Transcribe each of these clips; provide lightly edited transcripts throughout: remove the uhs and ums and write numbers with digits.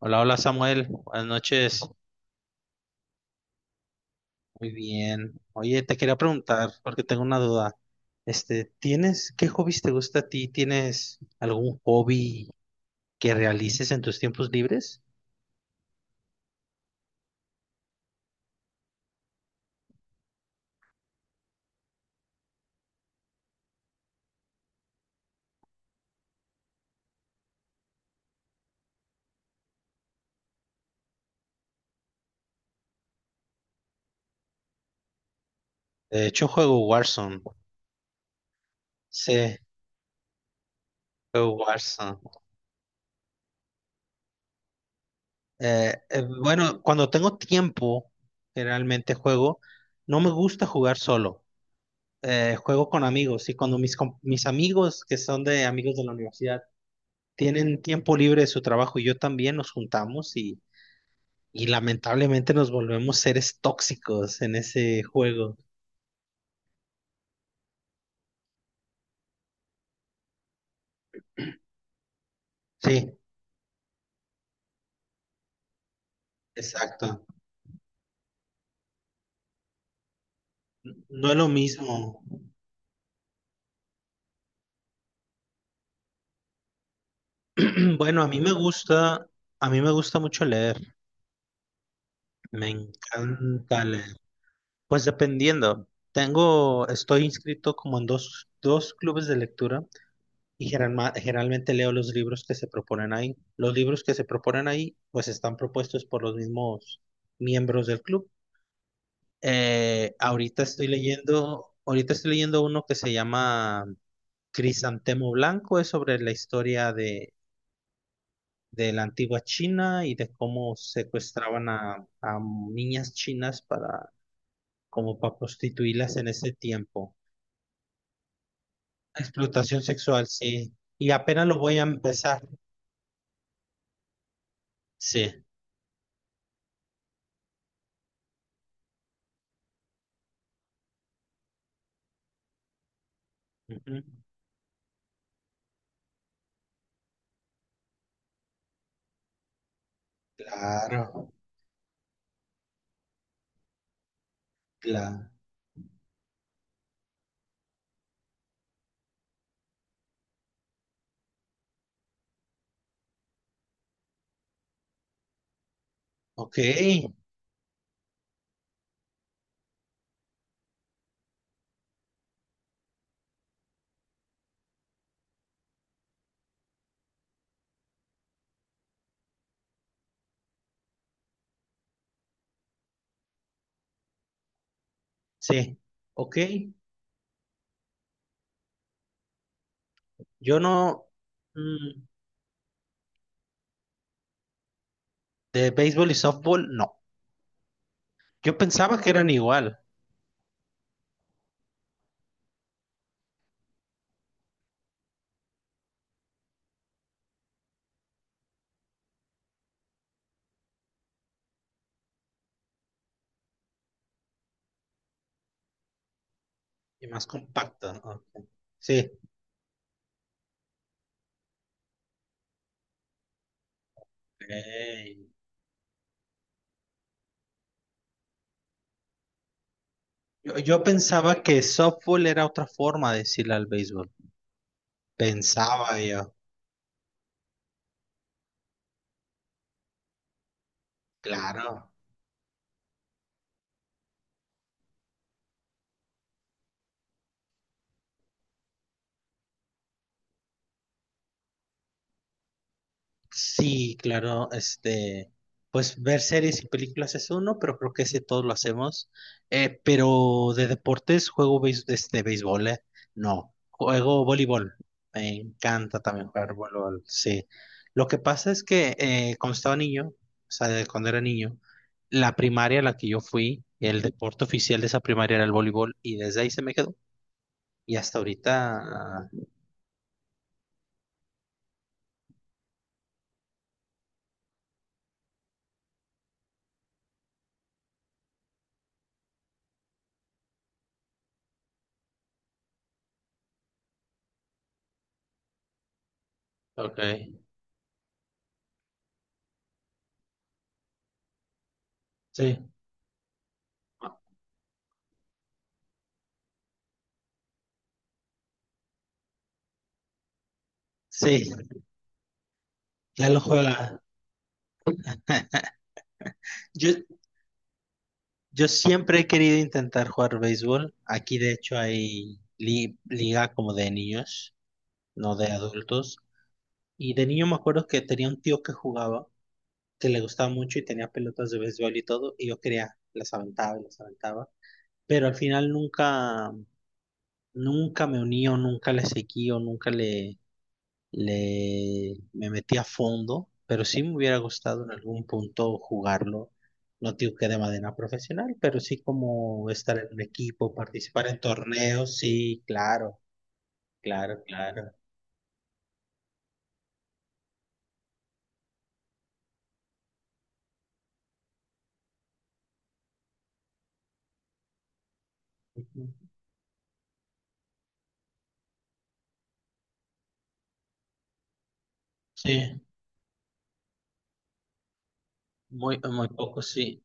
Hola, hola Samuel, buenas noches. Muy bien. Oye, te quería preguntar porque tengo una duda. ¿Tienes qué hobbies te gusta a ti? ¿Tienes algún hobby que realices en tus tiempos libres? De hecho, juego Warzone. Sí, juego Warzone. Bueno, cuando tengo tiempo, generalmente juego. No me gusta jugar solo. Juego con amigos y cuando mis amigos, que son de amigos de la universidad, tienen tiempo libre de su trabajo y yo también nos juntamos y lamentablemente nos volvemos seres tóxicos en ese juego. Sí, exacto. No es lo mismo. Bueno, a mí me gusta, a mí me gusta mucho leer. Me encanta leer. Pues dependiendo. Estoy inscrito como en dos clubes de lectura y generalmente leo los libros que se proponen ahí. Los libros que se proponen ahí, pues están propuestos por los mismos miembros del club. Ahorita estoy leyendo uno que se llama Crisantemo Blanco, es sobre la historia de la antigua China y de cómo secuestraban a niñas chinas como para prostituirlas en ese tiempo. Explotación sexual, sí. Y apenas lo voy a empezar. Sí. Ujú. Claro, claro. Ok, sí. Ok. Yo no. mm, de béisbol y softball, no. Yo pensaba que eran igual y más compactas, ¿no? Sí. Ey. Yo pensaba que softball era otra forma de decirle al béisbol. Pensaba yo. Claro. Sí, claro, pues ver series y películas es uno, pero creo que ese todos lo hacemos. Pero de deportes juego béis- este, béisbol. No, Juego voleibol. Me encanta también jugar voleibol, sí. Lo que pasa es que cuando estaba niño, o sea, de cuando era niño, la primaria a la que yo fui, el deporte oficial de esa primaria era el voleibol y desde ahí se me quedó. Y hasta ahorita, ah, ok, sí, sí, ya lo juega. Yo, Yo siempre he querido intentar jugar béisbol. Aquí de hecho hay liga como de niños, no de adultos. Y de niño me acuerdo que tenía un tío que jugaba, que le gustaba mucho y tenía pelotas de béisbol y todo, y yo quería, las aventaba y las aventaba. Pero al final nunca me uní o nunca le seguí o nunca le, le, me metí a fondo, pero sí me hubiera gustado en algún punto jugarlo. No digo que de manera profesional, pero sí como estar en un equipo, participar en torneos, sí, claro, claro, claro. Ujú. Sí, muy, muy poco, sí,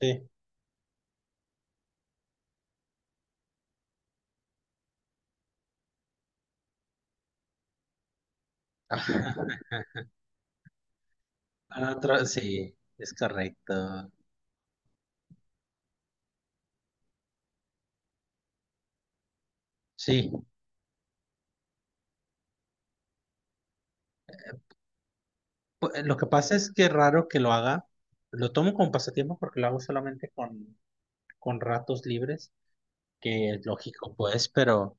sí. Ah, sí, es correcto. Sí, lo que pasa es que es raro que lo haga. Lo tomo como pasatiempo porque lo hago solamente con ratos libres, que es lógico, pues, pero…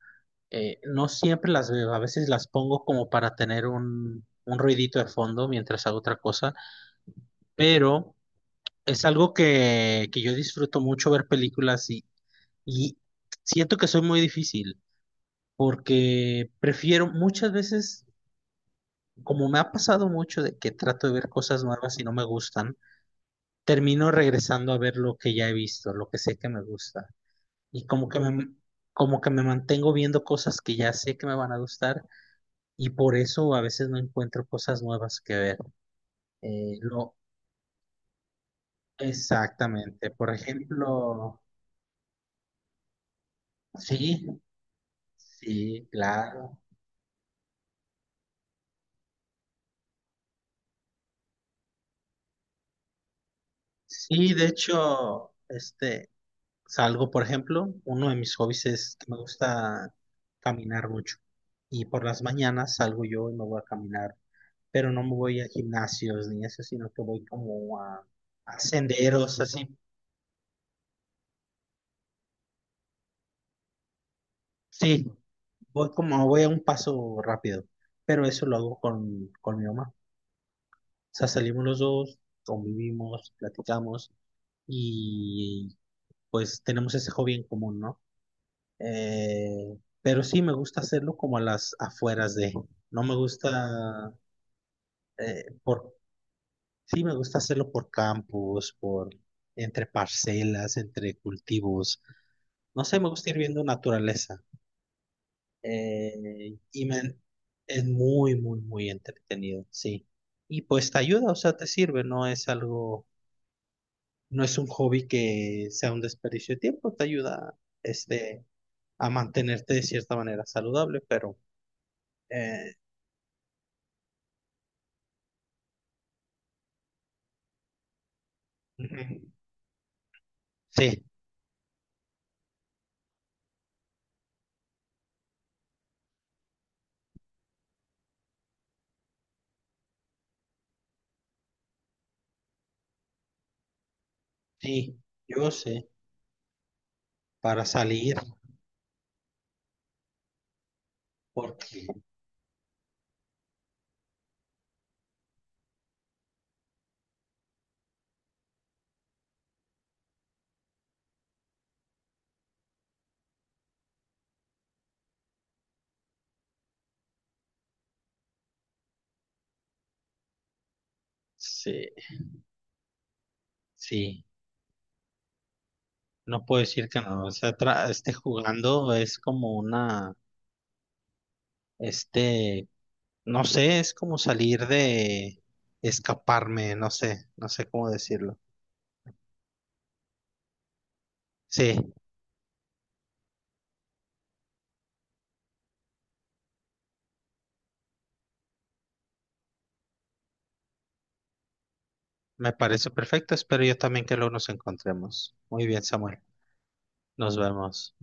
no siempre las veo, a veces las pongo como para tener un ruidito de fondo mientras hago otra cosa, pero es algo que yo disfruto mucho ver películas y siento que soy muy difícil porque prefiero muchas veces, como me ha pasado mucho de que trato de ver cosas nuevas y no me gustan, termino regresando a ver lo que ya he visto, lo que sé que me gusta y como que me, como que me mantengo viendo cosas que ya sé que me van a gustar. Y por eso a veces no encuentro cosas nuevas que ver. Eh, lo, exactamente. Por ejemplo, sí, sí, claro. Sí, de hecho, salgo, por ejemplo, uno de mis hobbies es que me gusta caminar mucho. Y por las mañanas salgo yo y me voy a caminar, pero no me voy a gimnasios ni eso, sino que voy a senderos, así. Sí, voy a un paso rápido, pero eso lo hago con mi mamá. Sea, salimos los dos, convivimos, platicamos y pues tenemos ese hobby en común, ¿no? Pero sí me gusta hacerlo como a las afueras de, no me gusta, eh, por, sí me gusta hacerlo por campos, por entre parcelas, entre cultivos, no sé, me gusta ir viendo naturaleza eh, y me, es muy, muy, muy entretenido, sí. Y pues te ayuda, o sea, te sirve, no es algo, no es un hobby que sea un desperdicio de tiempo, te ayuda este, a mantenerte de cierta manera saludable, pero eh, ujú, sí, sí, yo sé, para salir, porque sí, sí, no puedo decir que no, o sea, jugando es como una, este, no sé, es como salir de escaparme, no sé, no sé cómo decirlo. Sí, me parece perfecto, espero yo también que luego nos encontremos. Muy bien, Samuel. Nos vemos.